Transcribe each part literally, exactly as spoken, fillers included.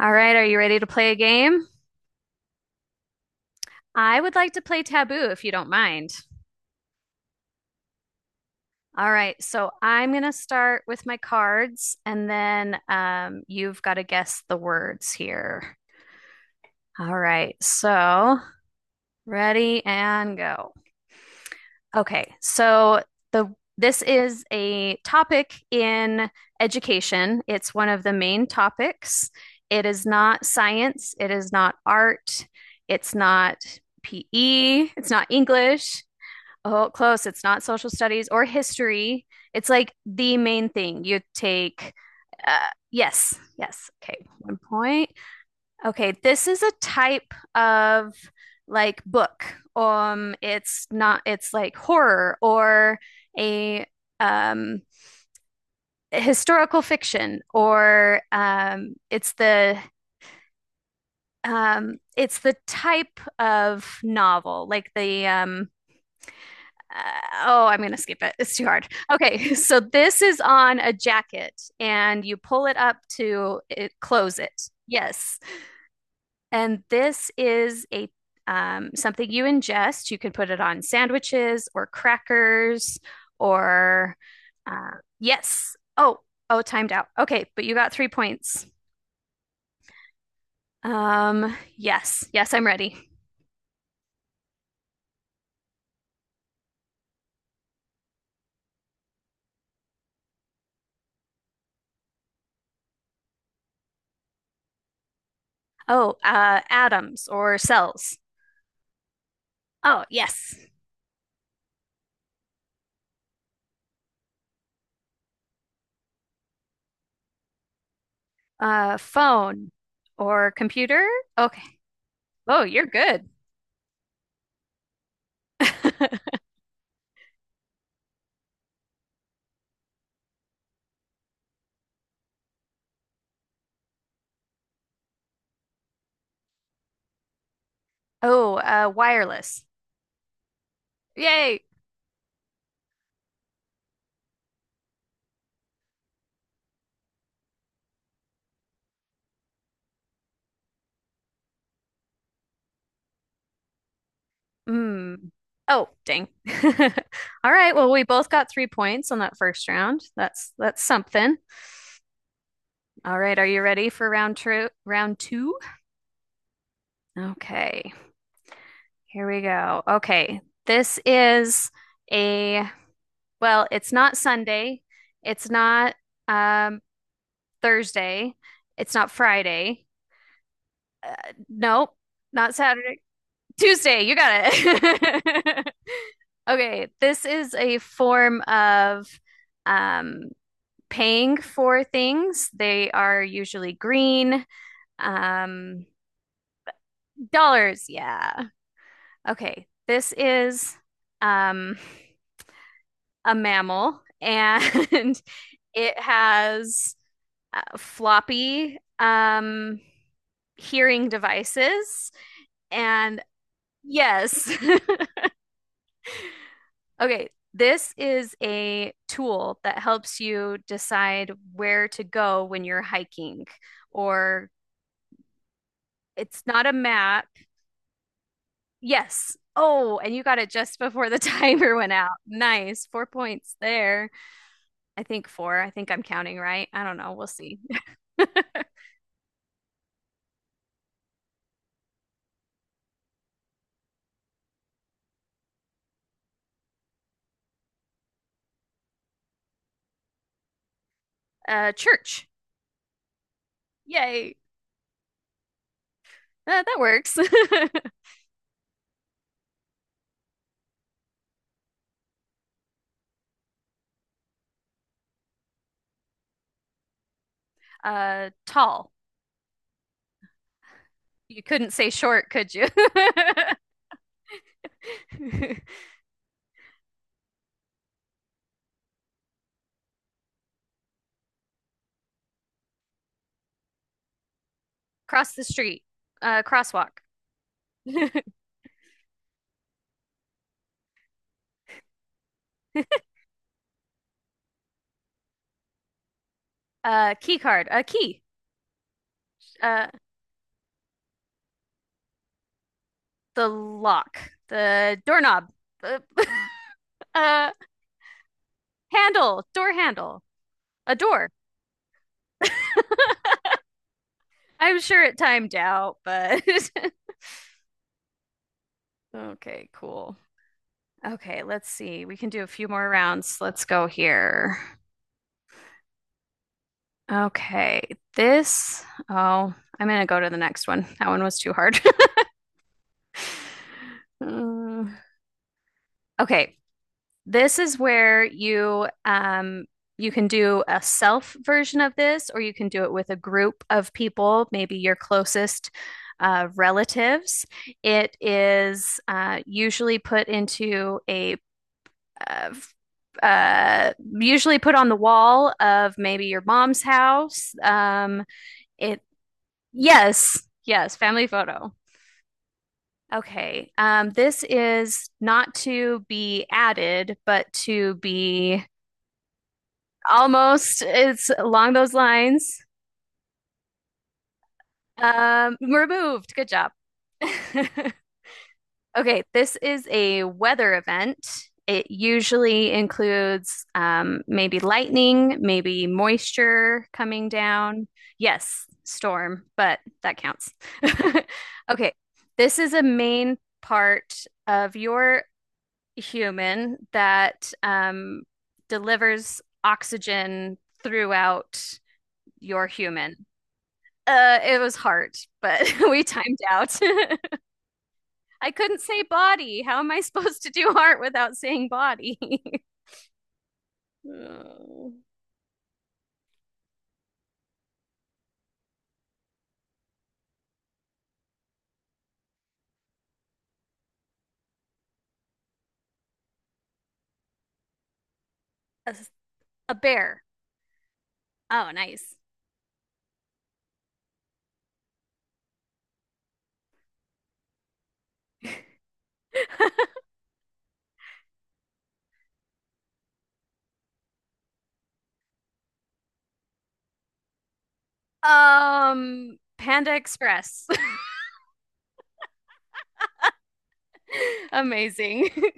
All right, are you ready to play a game? I would like to play Taboo if you don't mind. All right, so I'm going to start with my cards and then um, you've got to guess the words here. All right, so ready and go. Okay, so the this is a topic in education. It's one of the main topics. It is not science, it is not art, it's not P E, it's not English. Oh, close. It's not social studies or history. It's like the main thing you take. Uh, yes, yes. Okay, one point. Okay, this is a type of like book. Um, it's not, it's like horror or a um historical fiction or um it's the um it's the type of novel, like the um uh, oh, I'm going to skip it. It's too hard. Okay, so this is on a jacket and you pull it up to it, close it. Yes. And this is a um, something you ingest. You can put it on sandwiches or crackers or uh, yes. Oh, oh, timed out. Okay, but you got three points. Um, yes, yes, I'm ready. Oh, uh, atoms or cells. Oh, yes. Uh, phone or computer? Okay. Oh, you're good. Oh, uh, wireless. Yay. Mm. Oh, dang. All right. Well, we both got three points on that first round. That's that's something. All right. Are you ready for round two? Round two? Okay. Here we go. Okay. This is a well, it's not Sunday. It's not um, Thursday. It's not Friday. Uh, nope, not Saturday. Tuesday, you got it. Okay, this is a form of um, paying for things. They are usually green. Um, dollars, yeah. Okay, this is um, a mammal and it has uh, floppy um, hearing devices. And yes, Okay, this is a tool that helps you decide where to go when you're hiking, or it's not a map. Yes. Oh, and you got it just before the timer went out. Nice. Four points there. I think four. I think I'm counting right. I don't know. We'll see. Uh, church. Yay. Uh, that works. Uh, tall. You couldn't say short, could you? Cross the street. Uh, crosswalk. Uh, key card. A key. Uh, the lock. The doorknob. Uh, uh, handle. Door handle. A door. I'm sure it timed out, but okay, cool. Okay, let's see. We can do a few more rounds. Let's go here. Okay, this. Oh, I'm gonna go to the next one. That one was too hard. Okay, this is where you um you can do a self version of this, or you can do it with a group of people, maybe your closest uh, relatives. It is uh, usually put into a uh, uh, usually put on the wall of maybe your mom's house. Um, it yes, yes, family photo. Okay. Um, this is not to be added, but to be almost. It's along those lines. Um, removed. Good job. Okay, this is a weather event. It usually includes um, maybe lightning, maybe moisture coming down. Yes, storm, but that counts. Okay, this is a main part of your human that um, delivers oxygen throughout your human. Uh, it was hard, but we timed out. I couldn't say body. How am I supposed to do art without saying body? Oh. A, s- a bear. Oh, nice. Um, Panda Express. Amazing.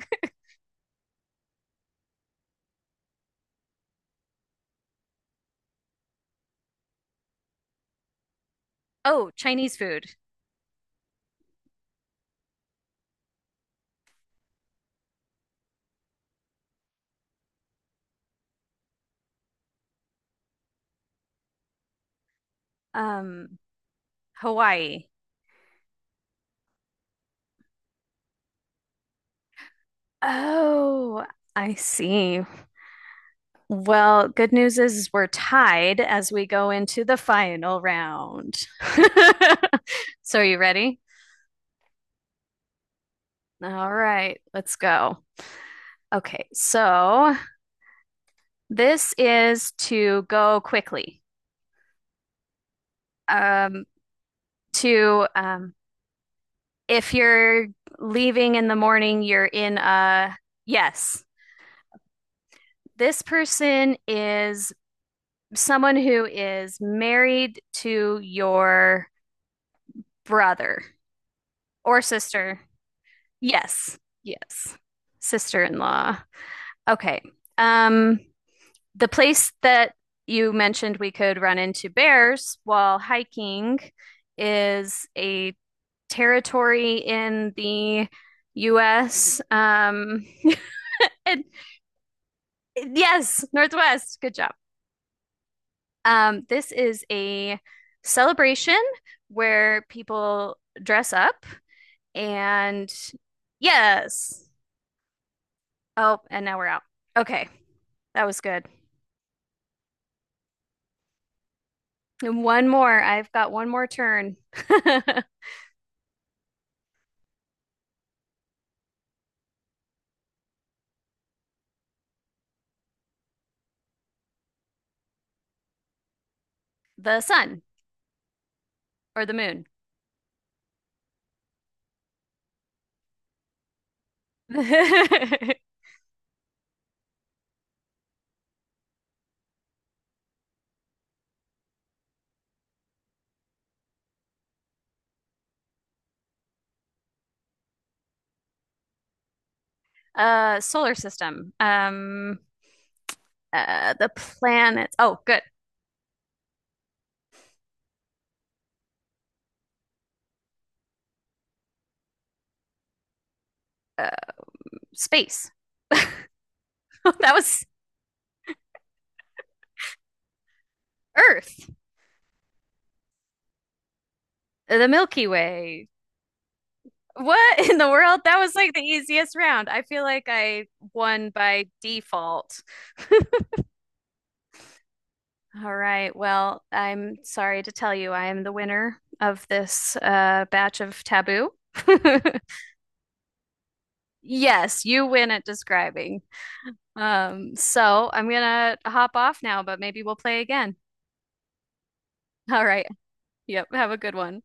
Oh, Chinese food. Um, Hawaii. Oh, I see. Well, good news is we're tied as we go into the final round. So, are you ready? All right, let's go. Okay, so this is to go quickly. Um, to um, if you're leaving in the morning, you're in a yes. This person is someone who is married to your brother or sister. Yes, yes, sister-in-law. Okay. Um, the place that you mentioned we could run into bears while hiking is a territory in the U S. Um, and- yes, Northwest. Good job. Um, this is a celebration where people dress up and yes. Oh, and now we're out. Okay, that was good. And one more. I've got one more turn. The sun. Or the moon. Uh, solar system. Um, uh, the planets. Oh, good. Uh, space. That was Earth. The Milky Way. What in the world? That was like the easiest round. I feel like I won by default. All right. Well, I'm sorry to tell you, I am the winner of this uh, batch of taboo. Yes, you win at describing. Um, so I'm gonna hop off now, but maybe we'll play again. All right. Yep. Have a good one.